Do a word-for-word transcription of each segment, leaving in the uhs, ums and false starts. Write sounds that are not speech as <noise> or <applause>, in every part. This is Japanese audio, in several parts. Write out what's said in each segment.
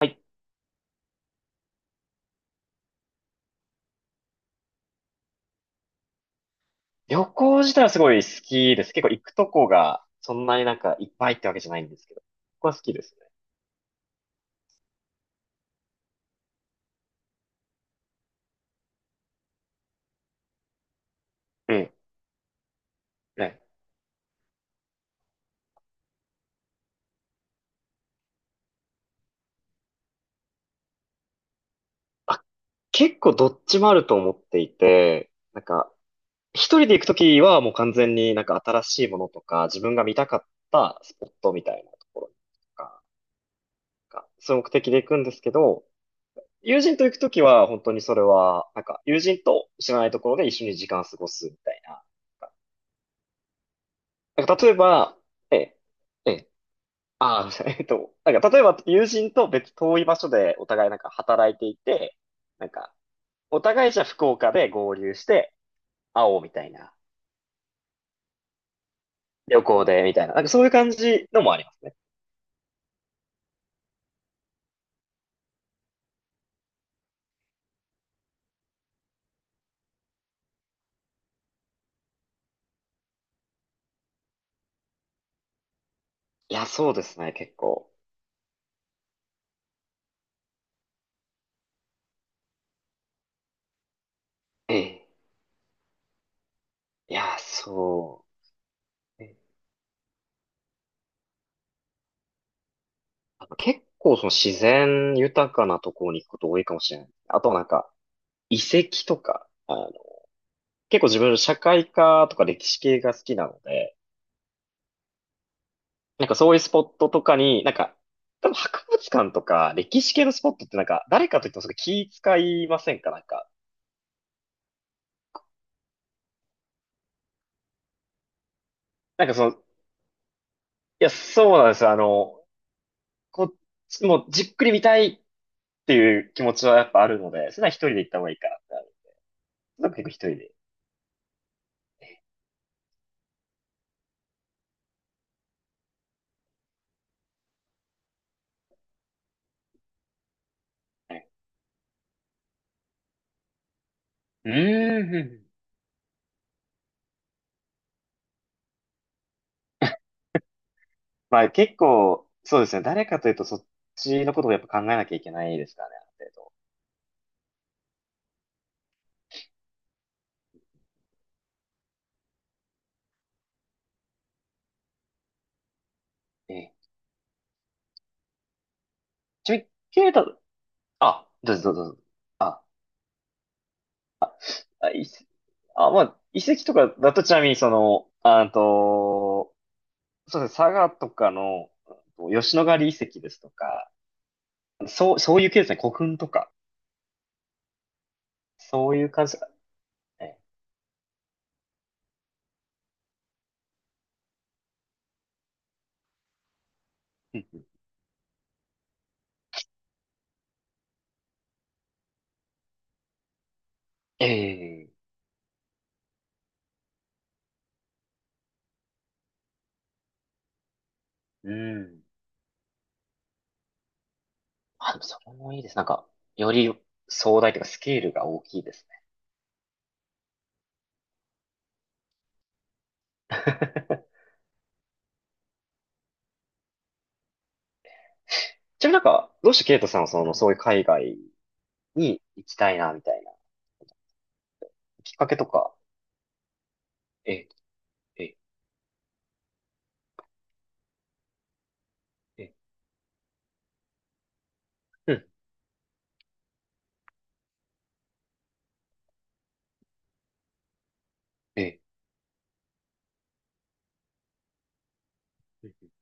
はい、旅行自体はすごい好きです。結構行くとこがそんなになんかいっぱいってわけじゃないんですけど、ここは好きですね。うん。ね。あ、結構どっちもあると思っていて、なんか一人で行くときはもう完全になんか新しいものとか自分が見たかったスポットみたいなところとか、なんかそういう目的で行くんですけど、友人と行くときは本当にそれは、なんか友人と知らないところで一緒に時間を過ごすみたいな。なんか例えば、ええ、ええ、ああ、<laughs> えっと、なんか、例えば友人と別遠い場所でお互いなんか働いていて、なんか、お互いじゃあ福岡で合流して会おうみたいな、旅行でみたいな、なんかそういう感じのもありますね。いや、そうですね、結構。ええ。いや、そう。ええ、あと結構その自然豊かなところに行くこと多いかもしれない。あとなんか、遺跡とか、あの、結構自分社会科とか歴史系が好きなので、なんかそういうスポットとかに、なんか、多分博物館とか歴史系のスポットってなんか、誰かといってもそれ気使いませんか？なんか、なんかその、いや、そうなんですよ。あの、こっちもうじっくり見たいっていう気持ちはやっぱあるので、それは一人で行った方がいいかなってなる。なんか結構一人で。はい、うーん。<laughs> うん、まあ結構、そうですね。誰かというとそっちのことをやっぱ考えなきゃいけないですからね、ある程度。ええ。ちなみに、ケイタ、あ、どうぞどうぞ。どうぞ、あ、いしあ、まあ、遺跡とかだとちなみにその、あと、そうですね、佐賀とかの、うんと吉野ヶ里遺跡ですとか、そう、そういう系ですね、古墳とか、そういう感じですかね。うんうん、ええ、うん。あ、でもそれもいいです。なんか、より壮大というかスケールが大きいですね。<laughs> ちなみになんか、どうしてケイトさんはその、そういう海外に行きたいな、みたいな、きっかけとか、ええ、ええ、ええ、うん、ええ。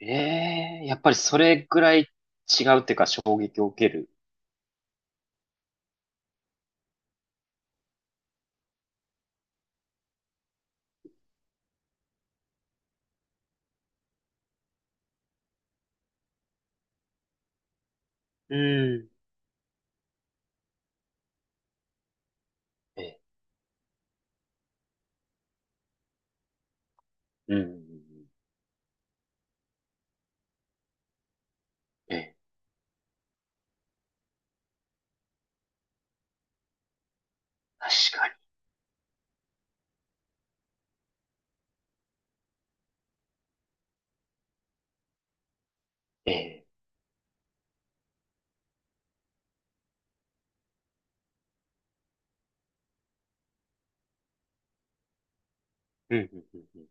ええ、やっぱりそれぐらい違うっていうか衝撃を受ける。うん。ええ、うん、うんうん、ええ、確かに。ええ、うん、うん、うんうん、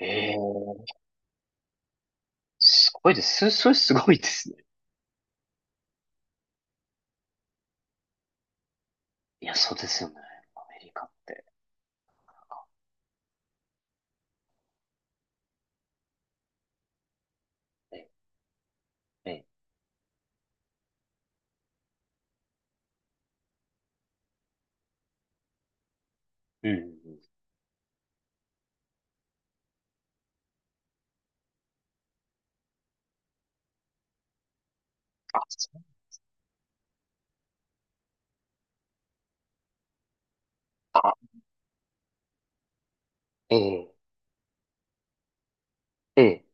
ええ、すごいです。そ <laughs> それすごいですね。いや、そうですよね。アメリカって。ええ、ええ、うん、うんうん。あ、そうか。ええ、ええ、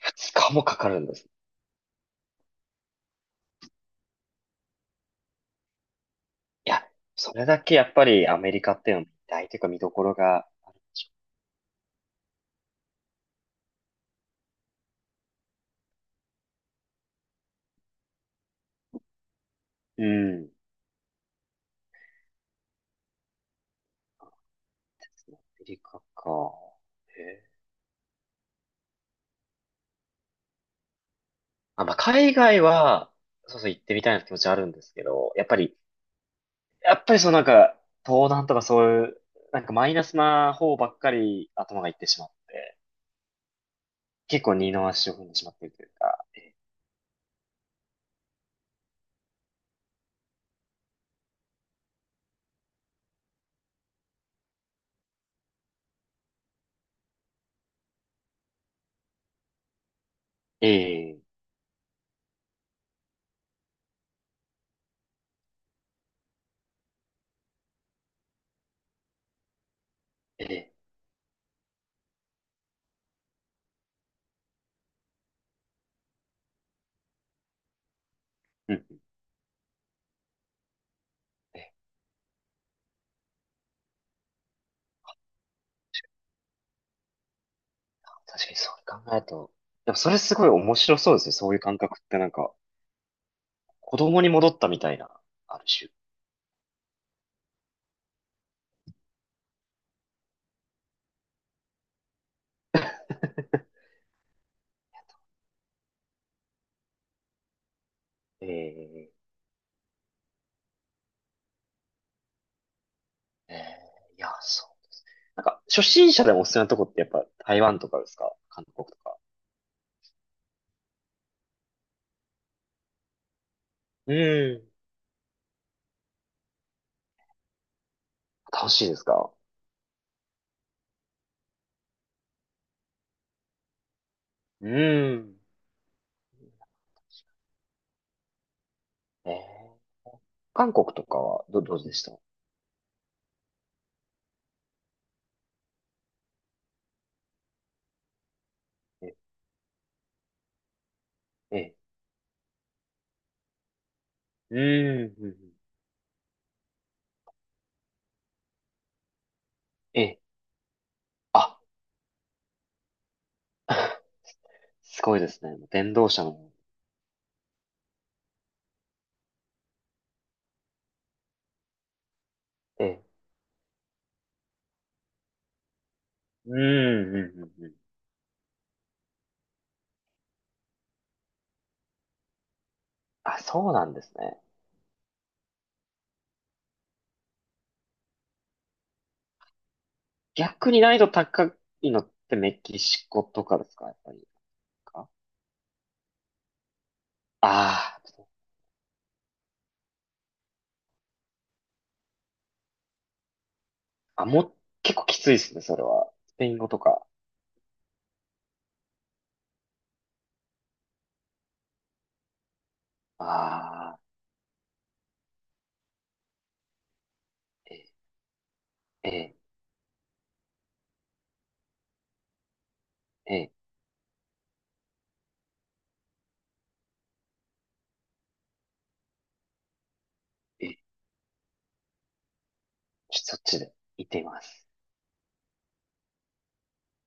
二日もかかるんです。いや、それだけやっぱりアメリカっていうのは大というか見どころがあるでしょう。うん。アメリカか。ええ、あ、まあ、海外は、そうそう行ってみたいな気持ちはあるんですけど、やっぱり、やっぱりそのなんか、東南とかそういう、なんかマイナスな方ばっかり頭がいってしまって、結構二の足を踏んでしまっているというか、ええ、ええ、うん、ええ、確かにそう考えると、でもそれすごい面白そうですね、そういう感覚ってなんか、子供に戻ったみたいな、ある種。ええ、ええ、いや、そう。なんか、初心者でもおすすめなとこってやっぱ台湾とかですか？韓国とか。うん。楽しいですか？うん。えー、韓国とかはど、どうでした？え、え、うん。うん、え、え、あ、<laughs> すごいですね。電動車の。え。うんうん。うんうん、あ、そうなんですね。逆に難易度高いのってメキシコとかですか？やっぱり。ああー、あ、もう、結構きついですね、それは。スペイン語とか。ああ、え、え、え、え、ちょそっちで行ってみます。